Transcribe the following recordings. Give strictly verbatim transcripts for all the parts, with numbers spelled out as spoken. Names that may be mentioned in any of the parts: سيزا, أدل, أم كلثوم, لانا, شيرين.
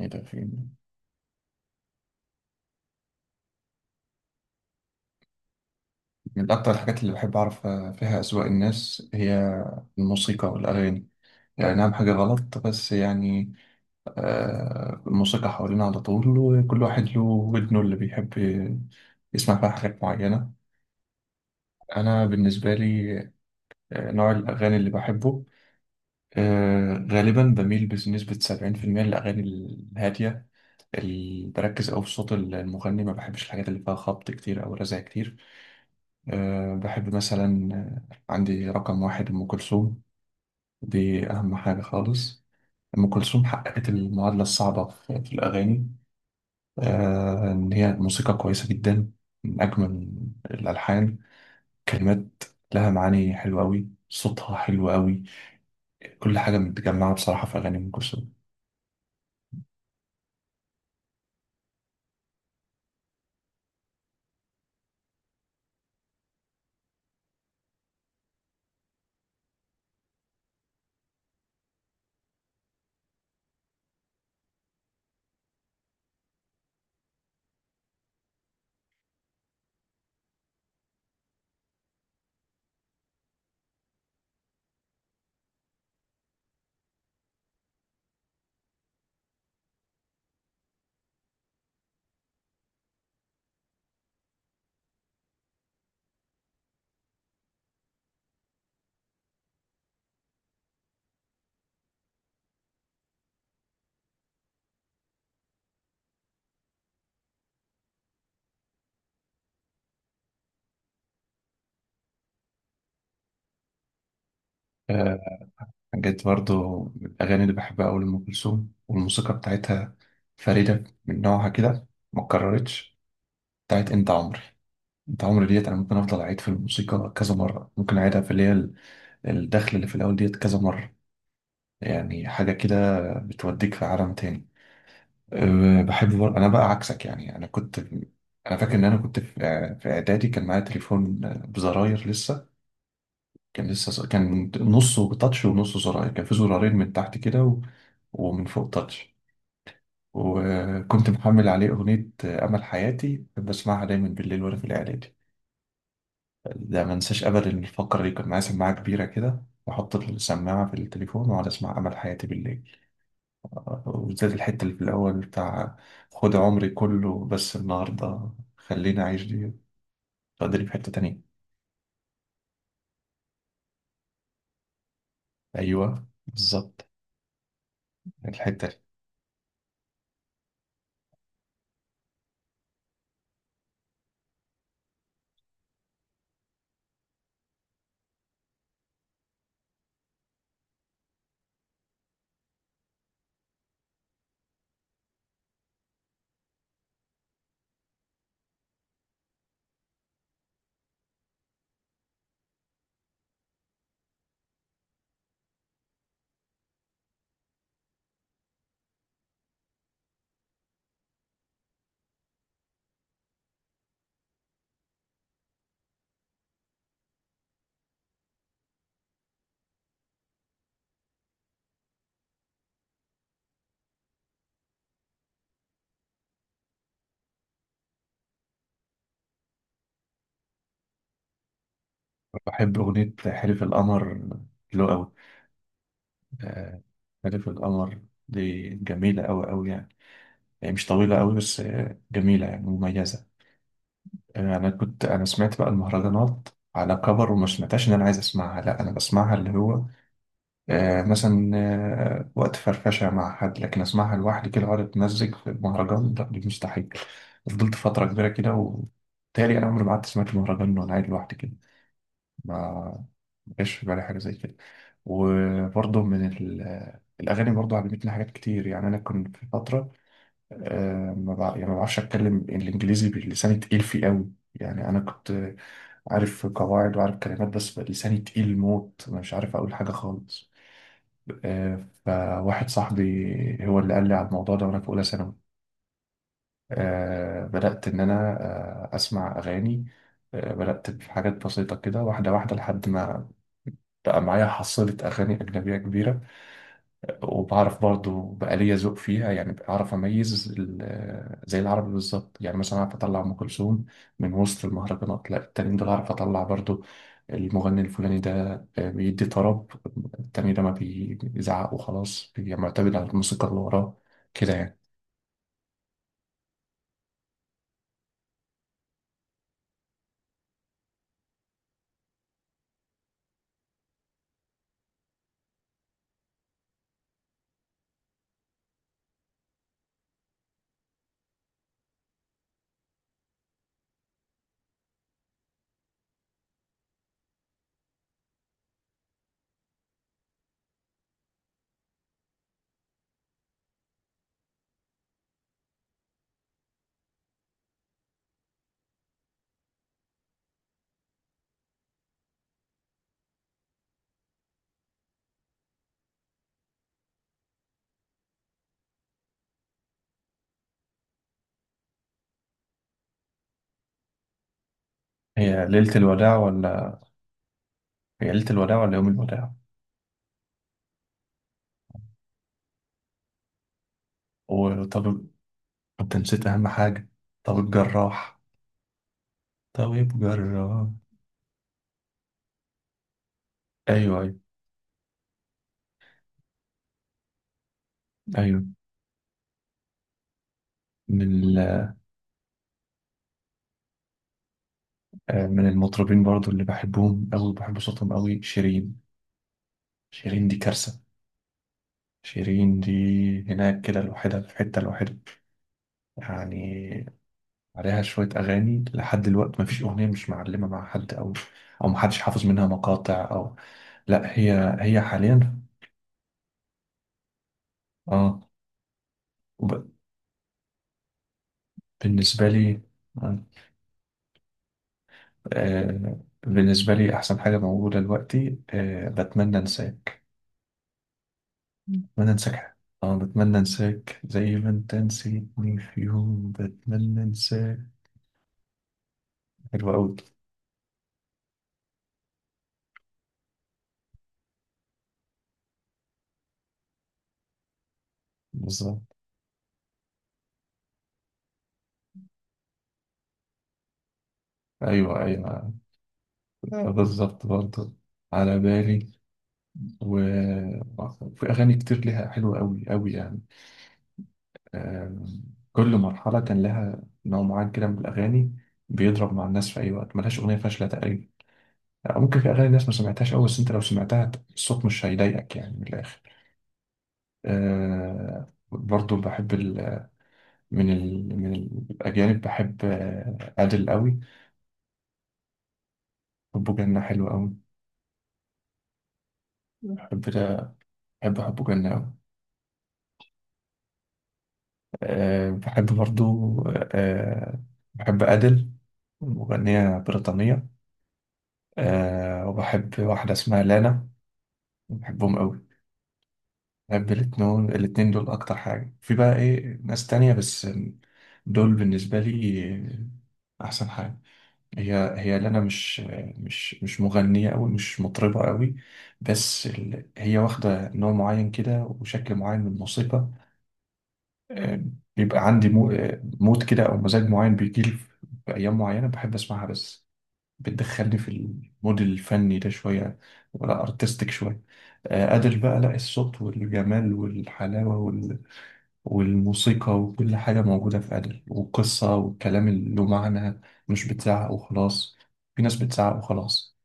ايه ده؟ فين؟ من اكتر الحاجات اللي بحب اعرف فيها اذواق الناس هي الموسيقى والاغاني. يعني نعم، حاجه غلط، بس يعني آه الموسيقى حوالينا على طول، وكل واحد له ودنه اللي بيحب يسمع فيها حاجات معينه. انا بالنسبه لي آه، نوع الاغاني اللي بحبه، آه غالبا بميل بنسبه سبعين في المية للاغاني الهاديه اللي بركز أوي في صوت المغني. ما بحبش الحاجات اللي فيها خبط كتير او رزع كتير. أه بحب مثلا آه، عندي رقم واحد أم كلثوم. دي أهم حاجة خالص. أم كلثوم حققت المعادلة الصعبة في في الأغاني. أه إن هي موسيقى كويسة جدا، من أجمل الألحان، كلمات لها معاني حلوة أوي، صوتها حلو أوي، كل حاجة متجمعة بصراحة في أغاني أم كلثوم. أه جت برضو من الأغاني اللي بحبها أوي لأم كلثوم، والموسيقى بتاعتها فريدة من نوعها كده، متكررتش، بتاعت أنت عمري. انت عمري ديت انا ممكن افضل اعيد في الموسيقى كذا مره، ممكن اعيدها في اللي هي ال- الدخل اللي في الاول ديت كذا مره. يعني حاجه كده بتوديك في عالم تاني. أه، بحب بر... انا بقى عكسك. يعني انا كنت انا فاكر ان انا كنت في في اعدادي، كان معايا تليفون أه، بزراير لسه. كان لسه ز- كان نصه تاتش ونصه زراير، كان في زرارين من تحت كده و... ومن فوق تاتش. وكنت محمل عليه اغنيه أه، امل حياتي، بسمعها دايما بالليل وانا في الاعدادي. ده ما انساش ابدا الفقره اللي كان معايا سماعه كبيره كده، واحط السماعه في التليفون واقعد اسمع امل حياتي بالليل. آه، وبالذات الحته اللي في الاول بتاع خد عمري كله، بس النهارده خليني اعيش دي، تقدري في حته تانية. ايوه بالظبط، الحته دي. بحب اغنيه حلف القمر، حلوه قوي. آه، حلف القمر دي جميله قوي قوي يعني. هي مش طويله قوي، بس آه، جميله، يعني مميزه. آه، انا كنت انا سمعت بقى المهرجانات على كبر، وما سمعتهاش ان انا عايز اسمعها، لا انا بسمعها اللي هو آه مثلا آه وقت فرفشه مع حد، لكن اسمعها لوحدي كده اقعد اتمزج في المهرجان، لا دي مستحيل. فضلت فتره كبيره كده، وبالتالي انا عمري ما قعدت سمعت مهرجان وانا قاعد لوحدي كده. ما ما جاش في بالي حاجه زي كده. وبرضه من ال- الاغاني برضه علمتني حاجات كتير. يعني انا كنت في فتره آه، ما بع- يعني ما بعرفش اتكلم الانجليزي، بلساني تقيل فيه قوي. يعني انا كنت عارف قواعد وعارف كلمات، بس بقى لساني تقيل موت، أنا مش عارف اقول حاجه خالص. آه، فواحد صاحبي هو اللي قال لي على الموضوع ده وانا في اولى ثانوي. آه، بدات ان انا آه، اسمع اغاني. آه، بدات بحاجات بسيطه كده، واحده واحده، لحد ما بقى معايا حصيله اغاني اجنبيه كبيره. وبعرف برضو بقى ليا ذوق فيها. يعني بعرف اميز ال- زي العربي بالظبط. يعني مثلا اعرف اطلع ام كلثوم من وسط المهرجانات، لا التانيين دول اعرف اطلع برضو المغني الفلاني ده آه، بيدي طرب، التاني ده ما بيزعق وخلاص، بيبقى معتمد على الموسيقى اللي وراه كده يعني. هي ليلة الوداع ولا هي ليلة الوداع ولا يوم الوداع؟ وطبيب؟ انت نسيت اهم حاجة، طبيب جراح. طبيب جراح. ايوه، ايوه. ايوه. من آه، من المطربين برضو اللي بحبهم أوي، بحب صوتهم أوي، شيرين. شيرين دي كارثة. شيرين دي هناك كده لوحدها، في حتة لوحدها يعني. عليها شوية أغاني لحد دلوقتي، مفيش أغنية مش معلمة مع حد، أو أو محدش حافظ منها مقاطع، أو لا هي هي حاليا. اه. وب- بالنسبة لي، آه بالنسبة لي أحسن حاجة موجودة دلوقتي آه بتمنى أنساك. بتمنى انساك حاجة. اه، بتمنى انساك زي ما انت نسيتني في يوم، بتمنى انساك. حلوة أوي. بالظبط. ايوه، ايوه. بالظبط برضه. على بالي. و- وفي اغاني كتير ليها حلوة أوي أوي يعني. آم، كل مرحلة كان لها نوع معين كده من الأغاني، بيضرب مع الناس في أي وقت، ملهاش أغنية فاشلة تقريبا. آه، ممكن في أغاني الناس ما سمعتهاش أوي، بس أنت لو سمعتها الصوت مش هيضايقك يعني، من الآخر. آه، برضو بحب ال- من ال... من الأجانب. بحب آه، أدل قوي. حبه جنة حلو قوي. بحب ده. بحب حبه جنة قوي. أه بحب برضو. أه بحب أدل، مغنية بريطانية. أه وبحب واحدة اسمها لانا. بحبهم قوي. بحب الاتنين، الاتنين دول أكتر حاجة، في بقى إيه ناس تانية بس دول بالنسبة لي أحسن حاجة. هي هي لنا مش مش مش مغنية أوي، مش مطربة أوي، بس ال... هي واخدة نوع معين كده وشكل معين من الموسيقى. آه، بيبقى عندي مو... آه، مود كده أو مزاج معين بيجيلي في في أيام معينة بحب أسمعها بس. بتدخلني في المود الفني ده شوية، ولا أرتستيك شوية. آه، أدل بقى، لا الصوت والجمال والحلاوة والموسيقى وكل حاجة موجودة في أدل، والقصة والكلام اللي له معنى، مش بتزعق وخلاص. في ناس بتزعق وخلاص.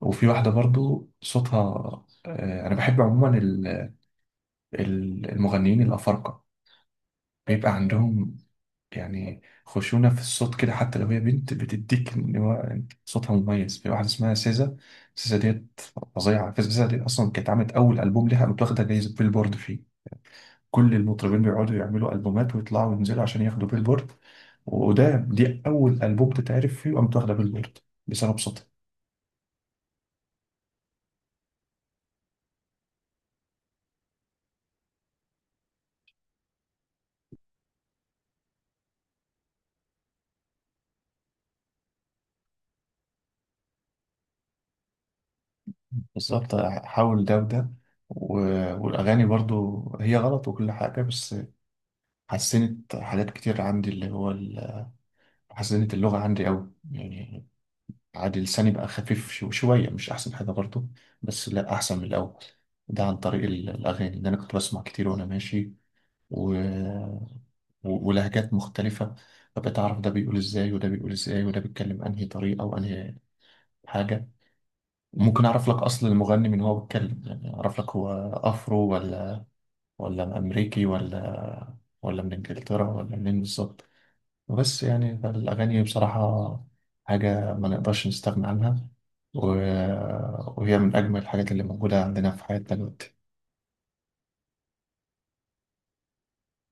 وفي واحدة برضو صوتها، آه، أنا بحب عموما ال- ال- المغنيين الأفارقة، بيبقى عندهم يعني خشونة في الصوت كده، حتى لو هي بنت بتديك إن هو صوتها مميز. في واحدة اسمها سيزا. سيزا ديت فظيعة. سيزا ديت أصلا كانت عملت أول ألبوم لها متاخدة جايزة بيلبورد فيه. كل المطربين بيقعدوا يعملوا ألبومات ويطلعوا وينزلوا عشان ياخدوا بيلبورد، وده دي أول ألبوم تتعرف فيه وقامت واخدة بيلبورد بسبب صوتها. بالظبط. حاول ده وده. و- والأغاني برضو هي غلط وكل حاجة، بس حسنت حاجات كتير عندي، اللي هو ال- حسنت اللغة عندي أوي يعني، عادي لساني بقى خفيف شو- شوية، مش أحسن حاجة برضو، بس لا أحسن من الأول. ده عن طريق ال- الأغاني اللي أنا كنت بسمع كتير وأنا ماشي، و- ولهجات مختلفة. فبقيت أعرف ده بيقول إزاي وده بيقول إزاي، وده بيتكلم أنهي طريقة وأنهي حاجة. ممكن أعرف لك أصل المغني من هو بيتكلم، يعني أعرف لك هو أفرو ولا ولا أمريكي ولا ولا من إنجلترا، ولا منين بالظبط. بس يعني الأغاني بصراحة حاجة ما نقدرش نستغنى عنها، و... وهي من أجمل الحاجات اللي موجودة عندنا في حياتنا دلوقتي.